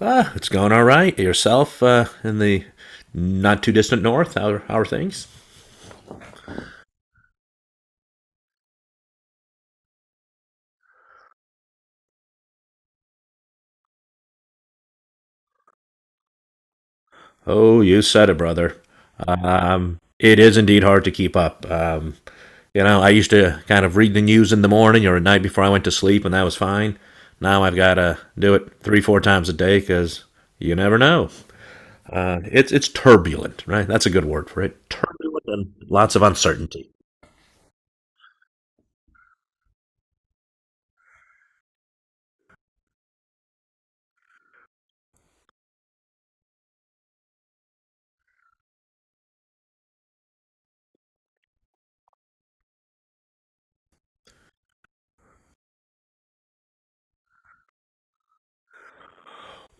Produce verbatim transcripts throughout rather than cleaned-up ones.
Uh, it's going all right. Yourself uh, in the not too distant north? How, how are things? Oh, you said it, brother. Um, it is indeed hard to keep up. Um, you know, I used to kind of read the news in the morning or at night before I went to sleep, and that was fine. Now I've got to do it three, four times a day because you never know. Uh, it's it's turbulent, right? That's a good word for it. Turbulent and lots of uncertainty.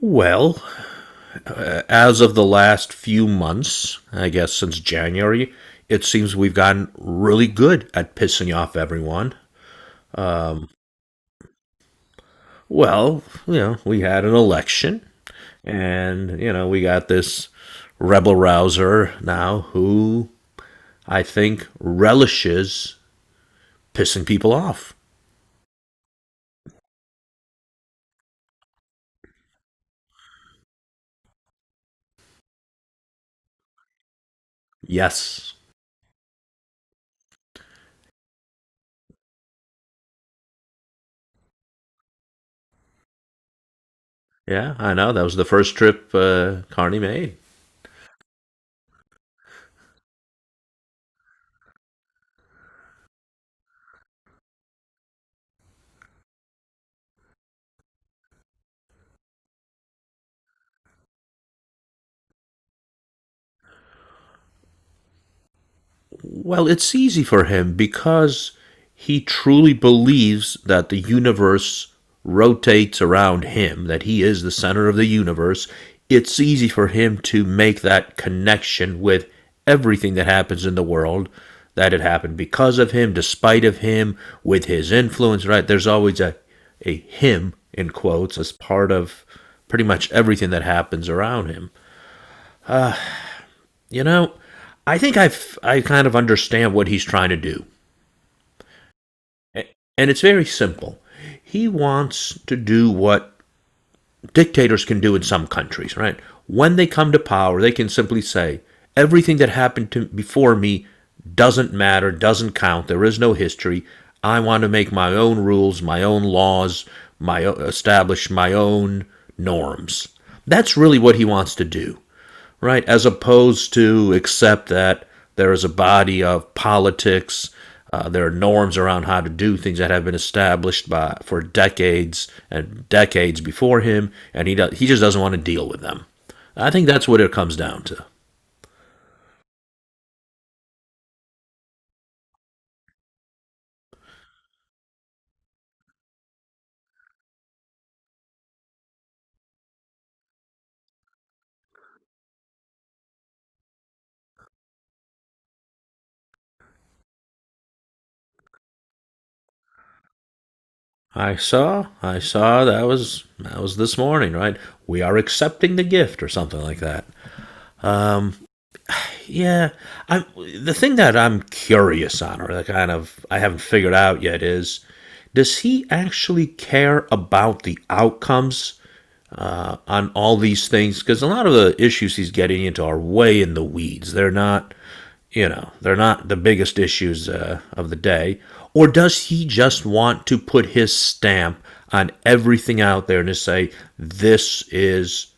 Well, uh, as of the last few months, I guess since January, it seems we've gotten really good at pissing off everyone. Well, you know, we had an election, and, you know, we got this rebel rouser now who I think relishes pissing people off. Yes. Yeah, I know. That was the first trip uh, Carney made. Well, it's easy for him because he truly believes that the universe rotates around him, that he is the center of the universe. It's easy for him to make that connection with everything that happens in the world that it happened because of him, despite of him, with his influence, right? There's always a, a him in quotes as part of pretty much everything that happens around him. You know, I think I've I kind of understand what he's trying to do. And it's very simple. He wants to do what dictators can do in some countries, right? When they come to power, they can simply say, everything that happened to before me doesn't matter, doesn't count. There is no history. I want to make my own rules, my own laws, my establish my own norms. That's really what he wants to do right? As opposed to accept that there is a body of politics, uh, there are norms around how to do things that have been established by for decades and decades before him, and he does, he just doesn't want to deal with them. I think that's what it comes down to. I saw, I saw that was that was this morning, right? We are accepting the gift or something like that. Um, yeah, I'm the thing that I'm curious on, or that kind of I haven't figured out yet, is does he actually care about the outcomes uh, on all these things? Because a lot of the issues he's getting into are way in the weeds. They're not, you know, they're not the biggest issues uh, of the day. Or does he just want to put his stamp on everything out there and just say, this is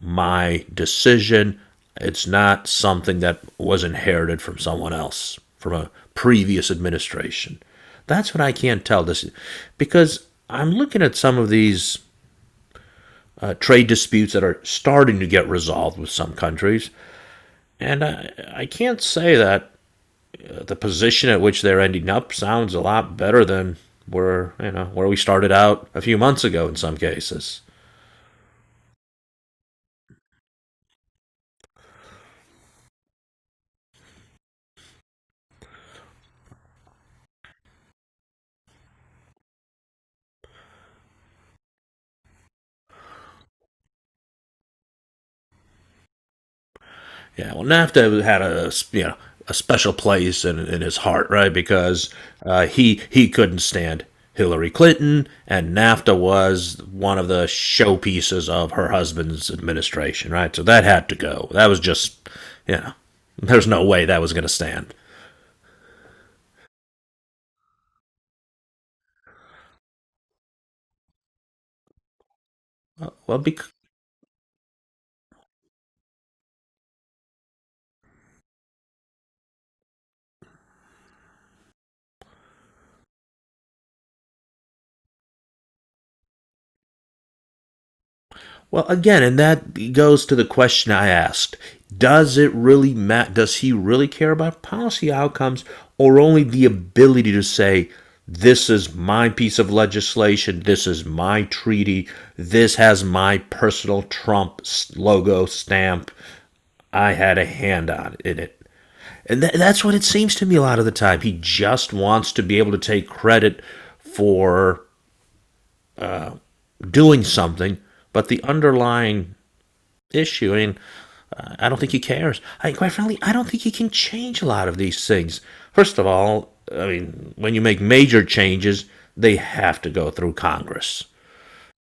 my decision. It's not something that was inherited from someone else, from a previous administration. That's what I can't tell this because I'm looking at some of these uh, trade disputes that are starting to get resolved with some countries, and I, I can't say that uh, the position at which they're ending up sounds a lot better than where you know where we started out a few months ago in some cases. Yeah, well, NAFTA had a you know a special place in, in his heart, right? Because uh, he he couldn't stand Hillary Clinton, and NAFTA was one of the showpieces of her husband's administration, right? So that had to go. That was just, you know, there's no way that was going to stand. Well, be- Well, again, and that goes to the question I asked. Does it really matter? Does he really care about policy outcomes or only the ability to say, this is my piece of legislation, this is my treaty, this has my personal Trump logo stamp, I had a hand on in it? And tha- that's what it seems to me a lot of the time. He just wants to be able to take credit for doing something, but the underlying issue. I mean, I don't think he cares. I, mean, quite frankly, I don't think he can change a lot of these things. First of all, I mean, when you make major changes, they have to go through Congress,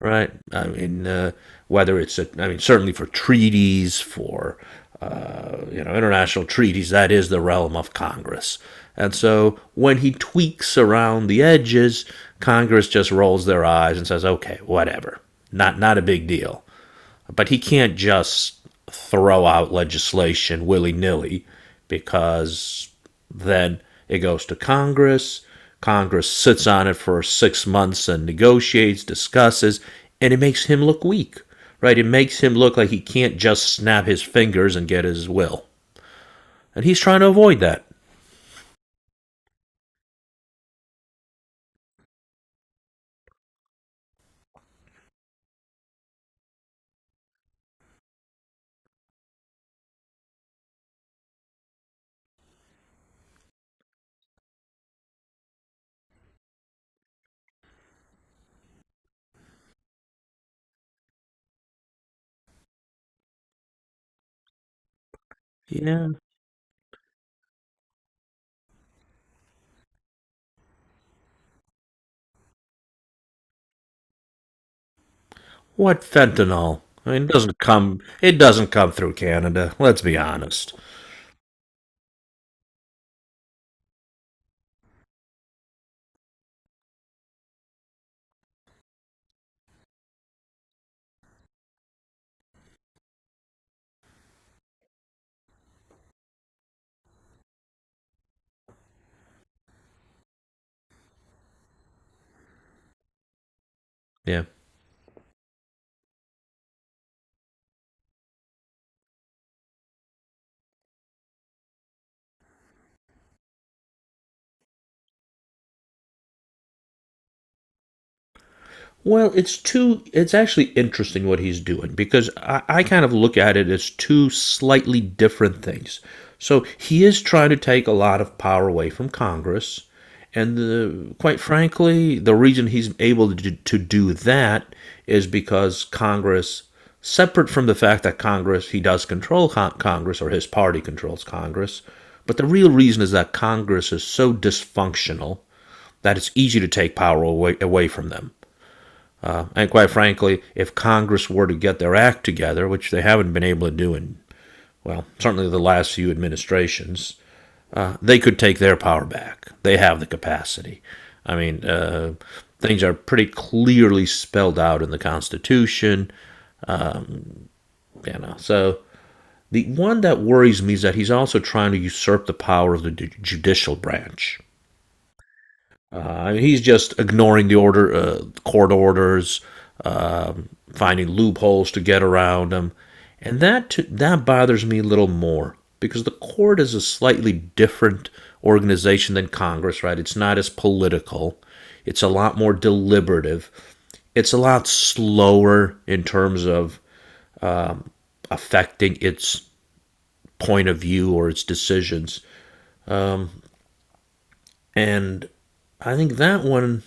right? I mean, uh, whether it's, a, I mean, certainly for treaties, for uh, you know, international treaties, that is the realm of Congress. And so when he tweaks around the edges, Congress just rolls their eyes and says, okay, whatever. Not, not a big deal. But he can't just throw out legislation willy nilly because then it goes to Congress. Congress sits on it for six months and negotiates, discusses, and it makes him look weak, right? It makes him look like he can't just snap his fingers and get his will. And he's trying to avoid that. Yeah. What fentanyl? I mean, it doesn't come. It doesn't come through Canada. Let's be honest. Yeah. Well, it's two. It's actually interesting what he's doing because I, I kind of look at it as two slightly different things. So he is trying to take a lot of power away from Congress, and the, quite frankly, the reason he's able to do, to do that is because Congress, separate from the fact that Congress he does control con- Congress or his party controls Congress, but the real reason is that Congress is so dysfunctional that it's easy to take power away, away from them. Uh, And quite frankly, if Congress were to get their act together, which they haven't been able to do in, well, certainly the last few administrations, uh, they could take their power back. They have the capacity. I mean, uh, things are pretty clearly spelled out in the Constitution. You know, so the one that worries me is that he's also trying to usurp the power of the judicial branch. Uh, he's just ignoring the order, uh, court orders, um, finding loopholes to get around them, and that t- that bothers me a little more because the court is a slightly different organization than Congress, right? It's not as political, it's a lot more deliberative, it's a lot slower in terms of affecting its point of view or its decisions, and I think that one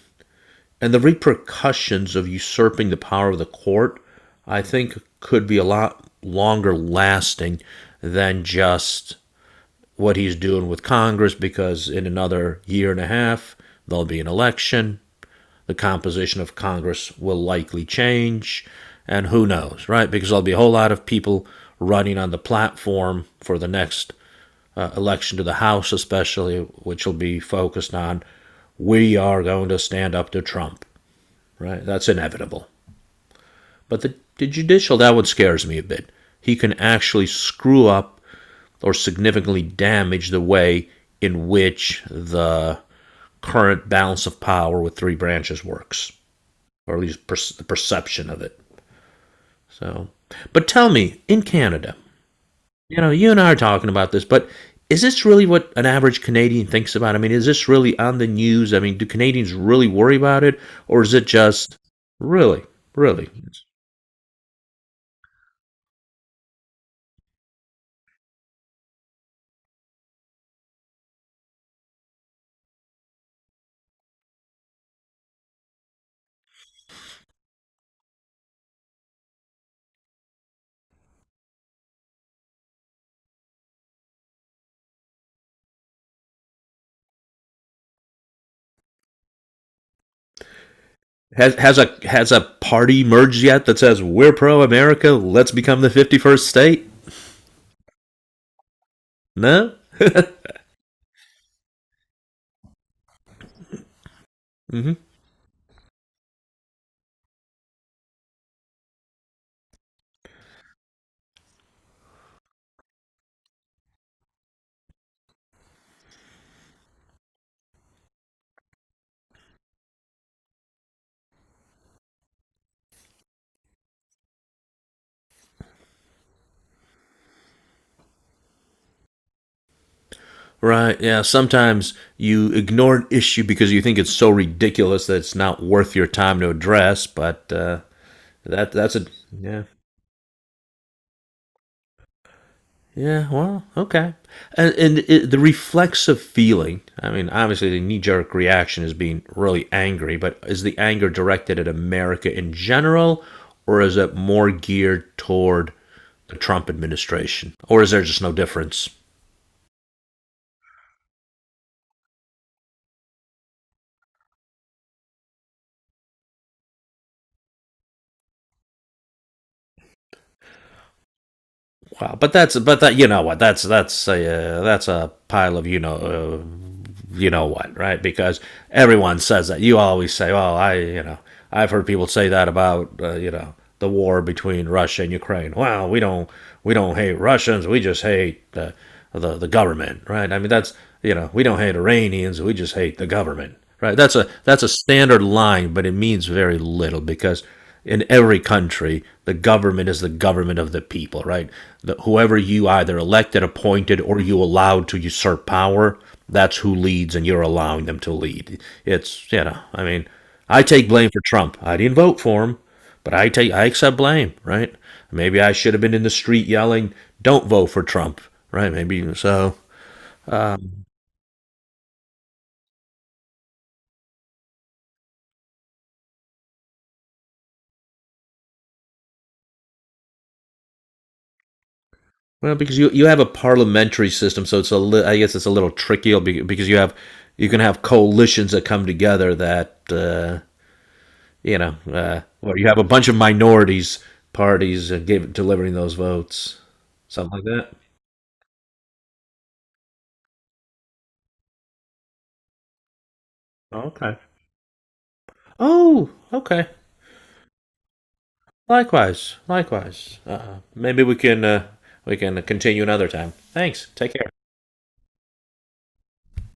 and the repercussions of usurping the power of the court, I think, could be a lot longer lasting than just what he's doing with Congress because in another year and a half, there'll be an election. The composition of Congress will likely change. And who knows, right? Because there'll be a whole lot of people running on the platform for the next uh, election to the House, especially, which will be focused on we are going to stand up to Trump right? That's inevitable. But the, the judicial, that one scares me a bit. He can actually screw up or significantly damage the way in which the current balance of power with three branches works, or at least per- the perception of it. So, but tell me, in Canada, you know, you and I are talking about this, but is this really what an average Canadian thinks about? I mean, is this really on the news? I mean, do Canadians really worry about it, or is it just really, really? Has has a has a party merged yet that says we're pro America? Let's become the fifty first state. No. Mm-hmm. Right. Yeah. Sometimes you ignore an issue because you think it's so ridiculous that it's not worth your time to address. But uh, that that's a yeah. Yeah, well, okay. And, and it, the reflexive feeling, I mean, obviously the knee jerk reaction is being really angry, but is the anger directed at America in general, or is it more geared toward the Trump administration? Or is there just no difference? Wow, but that's but that you know what that's that's a uh, that's a pile of you know uh, you know what right because everyone says that you always say well I you know I've heard people say that about uh, you know the war between Russia and Ukraine well we don't we don't hate Russians we just hate uh, the the government right I mean that's you know we don't hate Iranians we just hate the government right that's a that's a standard line but it means very little because in every country, the government is the government of the people, right? The, whoever you either elected, appointed, or you allowed to usurp power, that's who leads, and you're allowing them to lead. It's you know, I mean, I take blame for Trump. I didn't vote for him, but I take I accept blame, right? Maybe I should have been in the street yelling, "Don't vote for Trump," right? Maybe so. Well, because you, you have a parliamentary system, so it's a li- I guess it's a little tricky because you have you can have coalitions that come together that uh, you know uh, where you have a bunch of minorities parties uh, give, delivering those votes, something like that. Okay. Oh, okay. Likewise, likewise. Uh, maybe we can uh, we can continue another time. Thanks. Take care.